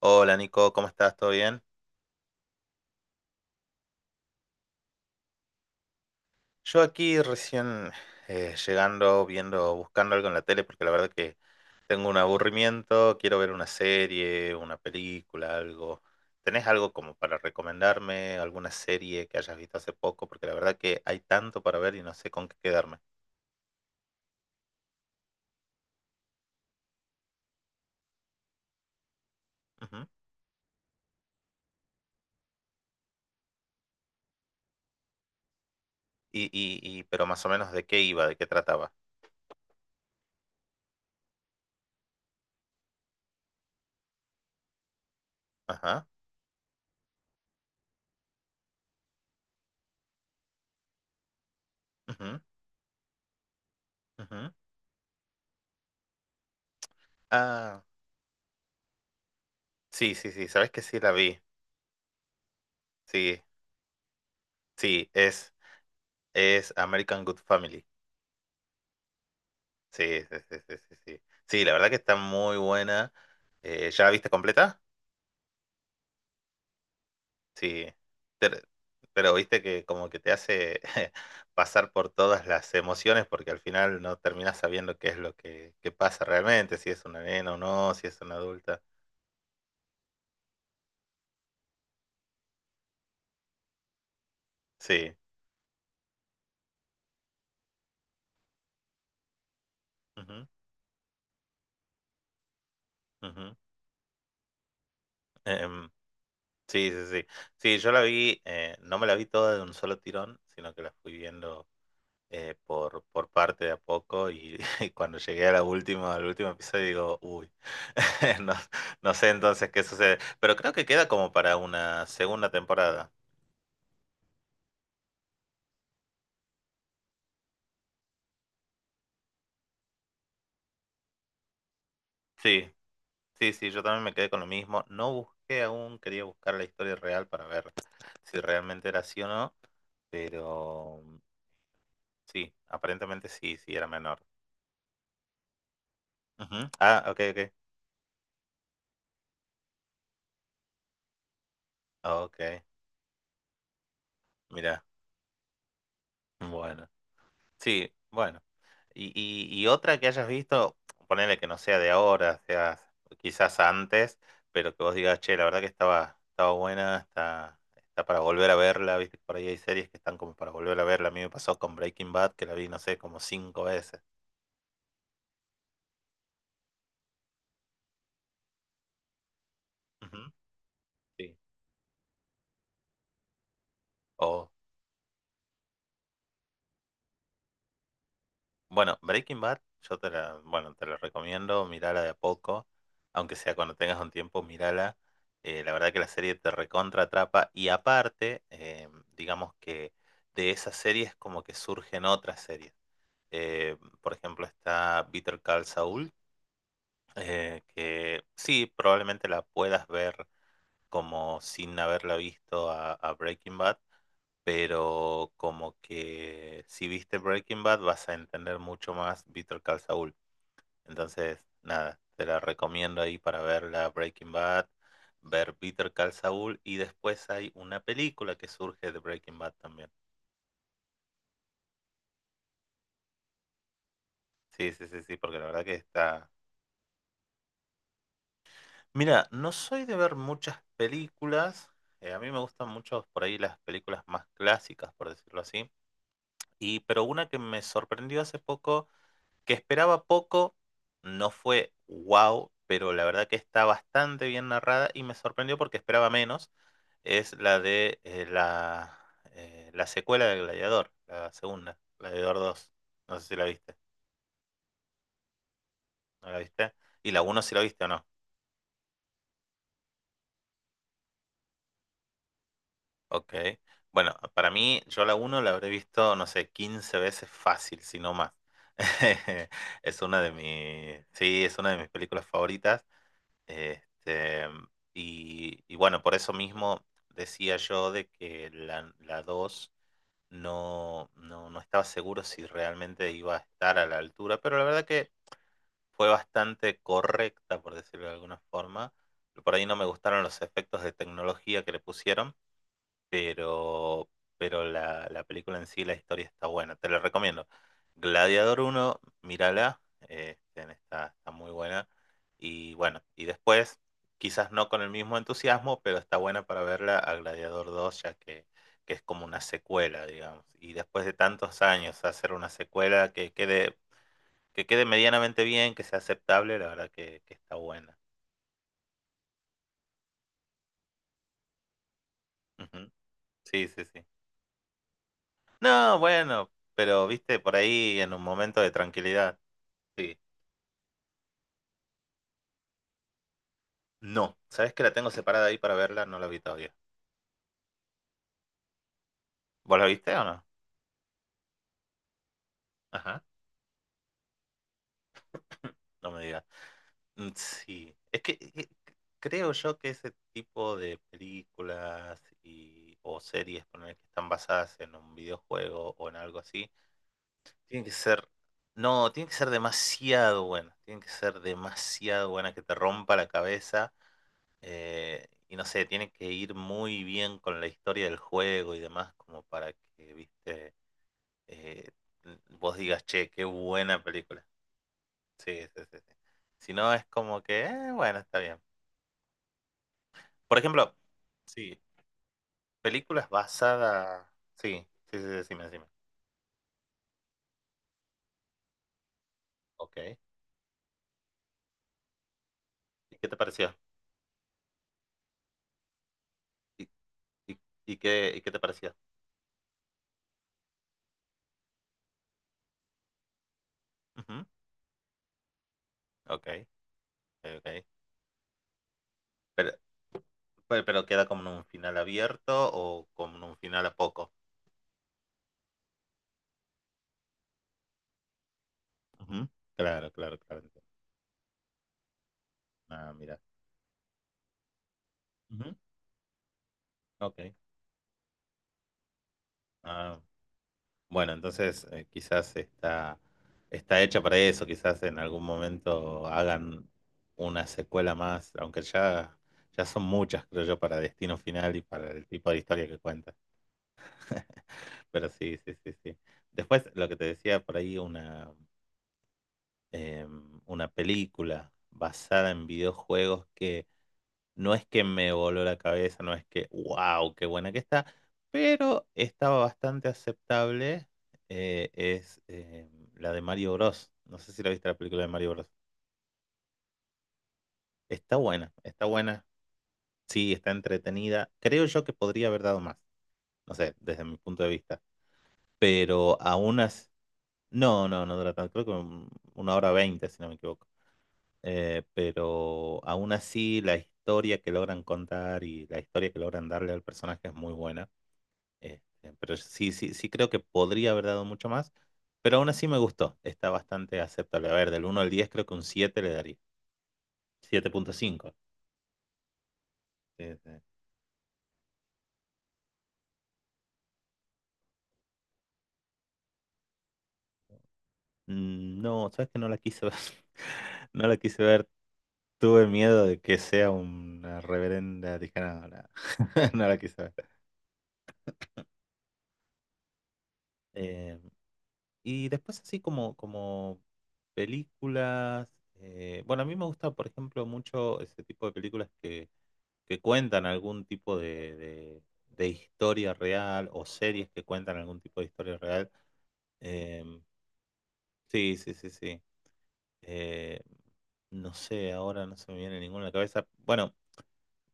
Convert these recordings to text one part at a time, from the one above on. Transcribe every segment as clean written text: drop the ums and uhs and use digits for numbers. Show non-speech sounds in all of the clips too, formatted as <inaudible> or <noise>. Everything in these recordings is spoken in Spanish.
Hola Nico, ¿cómo estás? ¿Todo bien? Yo aquí recién llegando, viendo, buscando algo en la tele, porque la verdad que tengo un aburrimiento, quiero ver una serie, una película, algo. ¿Tenés algo como para recomendarme? ¿Alguna serie que hayas visto hace poco? Porque la verdad que hay tanto para ver y no sé con qué quedarme. Ujú. Y pero más o menos de qué iba, de qué trataba. Ajá. Ujú, ujú. Ah, sí, sí, sí, sabes que sí la vi. Sí, sí, es American Good Family. Sí, sí, sí, sí, sí, sí. Sí, la verdad que está muy buena. ¿Ya la viste completa? Sí. Te- Pero, viste que como que te hace <laughs> pasar por todas las emociones porque al final no terminas sabiendo qué es qué pasa realmente, si es una nena o no, si es una adulta. Sí. Ujú, ujú. Em, sí, sí, sí. Sí, yo la vi, no me la vi toda de un solo tirón, sino que la fui viendo por parte de a poco y, <laughs> y cuando llegué a la última, al último episodio digo, uy, <laughs> no, no sé entonces qué sucede, pero creo que queda como para una segunda temporada. Sí, sí, sí, yo también me quedé con lo mismo, no busqué aún, quería buscar la historia real para ver si realmente era así o no, pero sí, aparentemente sí, sí, era menor. Ujú. Ah, ok, ok, ok, mira, bueno, sí, bueno. Y otra que hayas visto, ponele que no sea de ahora, sea quizás antes, pero que vos digas, che, la verdad que estaba buena, está para volver a verla, viste, por ahí hay series que están como para volver a verla. A mí me pasó con Breaking Bad, que la vi, no sé, como cinco veces. Ujú. Sí. O bueno, Breaking Bad, bueno, te la recomiendo, mirala de a poco, aunque sea cuando tengas un tiempo, mirala. La verdad que la serie te recontra atrapa y aparte, digamos que de esas series como que surgen otras series. Por ejemplo, está Bitter Call Saul, que sí, probablemente la puedas ver como sin haberla visto a Breaking Bad, pero como que si viste Breaking Bad vas a entender mucho más Better Call Saul. Entonces, nada, te la recomiendo ahí para ver la Breaking Bad, ver Better Call Saul y después hay una película que surge de Breaking Bad también. Sí, sí, sí, sí, porque la verdad que está... Mira, no soy de ver muchas películas. A mí me gustan mucho por ahí las películas más clásicas, por decirlo así. Y, pero una que me sorprendió hace poco, que esperaba poco, no fue wow, pero la verdad que está bastante bien narrada y me sorprendió porque esperaba menos, es la de la secuela del Gladiador, la segunda, Gladiador dos. No sé si la viste, ¿no la viste? Y la uno si la viste o no. Ok. Bueno, para mí, yo la uno la habré visto, no sé, 15 veces fácil, si no más. <laughs> Es una de sí, es una de mis películas favoritas. Este, y bueno, por eso mismo decía yo de que la 2 no estaba seguro si realmente iba a estar a la altura, pero la verdad que fue bastante correcta, por decirlo de alguna forma. Por ahí no me gustaron los efectos de tecnología que le pusieron, pero, pero la película en sí, la historia está buena, te la recomiendo. Gladiador uno mírala, está, está muy buena. Y bueno, y después, quizás no con el mismo entusiasmo, pero está buena para verla a Gladiador dos ya que es como una secuela, digamos. Y después de tantos años hacer una secuela que que quede medianamente bien, que sea aceptable, la verdad que está buena. Ujú. Sí, sí, sí. No, bueno, pero viste, por ahí en un momento de tranquilidad. Sí. No. ¿Sabes que la tengo separada ahí para verla? No la vi todavía. ¿Vos la viste o no? Ajá. <laughs> No me digas. Mm. Sí. Es que creo yo que ese tipo de películas y, o series ponele, que están basadas en un videojuego o en algo así, tienen que ser. No, tienen que ser demasiado buenas. Tienen que ser demasiado buenas que te rompa la cabeza. Y no sé, tienen que ir muy bien con la historia del juego y demás, como para que, viste. eh, Vos digas, che, qué buena película. Sí, sí, sí, sí. Si no, es como que, bueno, está bien. Por ejemplo, sí, películas basadas. Sí, sí, sí, decime, decime. Ok. ¿Y qué te pareció? ¿Y, y, y qué, y qué te pareció? Ujú. Ok, ok. Pero, pero queda como en un final abierto o como en un final a poco. Ujú. Claro, claro, claro. Entiendo. Ah, mira. Ujú. Ok. Ah, bueno, entonces quizás está, está hecha para eso, quizás en algún momento hagan una secuela más, aunque ya, ya son muchas, creo yo, para Destino Final y para el tipo de historia que cuenta. <laughs> Pero sí, sí, sí, sí. Después, lo que te decía por ahí, eh, una película basada en videojuegos no es que me voló la cabeza, no es que, wow, qué buena que está, pero estaba bastante aceptable. Es La de Mario Bros. No sé si la viste la película de Mario Bros. Está buena, está buena. Sí, está entretenida. Creo yo que podría haber dado más. No sé, desde mi punto de vista. Pero aún así. No, no, no dura tanto. Creo que una hora veinte, si no me equivoco. Pero aún así, la historia que logran contar y la historia que logran darle al personaje es muy buena. Pero sí, sí, sí creo que podría haber dado mucho más, pero aún así me gustó. Está bastante aceptable. A ver, del uno al 10 creo que un 7 le daría. 7.5. Sí, sí. Mm. No, sabes que no la quise ver. <laughs> No la quise ver. Tuve miedo de que sea una reverenda tijera. No, no, <laughs> no la quise ver. Eh, y después así como, como películas. Bueno, a mí me gusta, por ejemplo, mucho ese tipo de películas que cuentan algún tipo de historia real o series que cuentan algún tipo de historia real. Eh, sí, sí, sí, sí. Eh, no sé, ahora no se me viene ninguna a la cabeza. Bueno,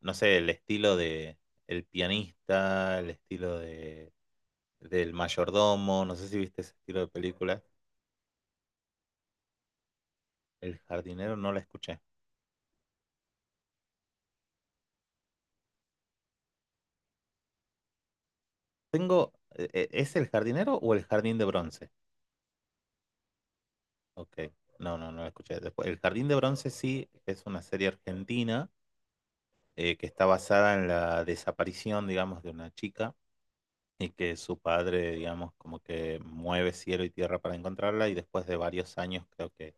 no sé, el estilo de El pianista, el estilo de del mayordomo, no sé si viste ese estilo de película. El jardinero no la escuché. Tengo, ¿es el jardinero o el jardín de bronce? Ok, no, no, no la escuché. Después, el jardín de bronce sí es una serie argentina que está basada en la desaparición, digamos, de una chica y que su padre, digamos, como que mueve cielo y tierra para encontrarla y después de varios años creo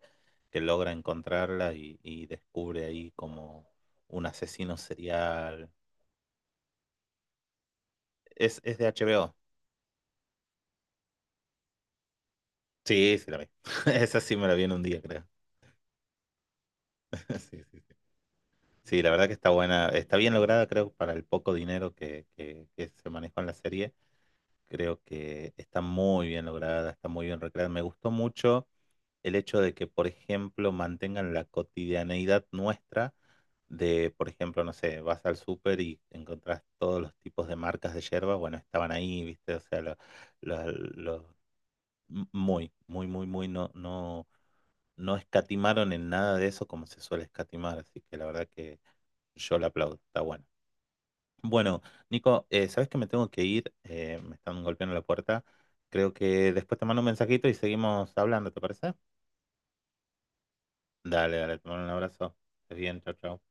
que logra encontrarla y descubre ahí como un asesino serial. Es de HBO. Sí, sí la vi. <laughs> Esa sí me la vi en un día, creo. <laughs> Sí, sí, sí. Sí, la verdad que está buena, está bien lograda, creo, para el poco dinero que se manejó en la serie. Creo que está muy bien lograda, está muy bien recreada. Me gustó mucho el hecho de que, por ejemplo, mantengan la cotidianeidad nuestra de, por ejemplo, no sé, vas al súper y encontrás todos los tipos de marcas de yerba, bueno, estaban ahí, ¿viste? Lo- lo- Muy, muy, muy, muy, no, no, no escatimaron en nada de eso como se suele escatimar, así que la verdad que yo la aplaudo, está bueno. Bueno, Nico, sabes que me tengo que ir. Me están golpeando la puerta, creo que después te mando un mensajito y seguimos hablando, ¿te parece? Dale, dale, te mando un abrazo. Estés bien, chao, chao.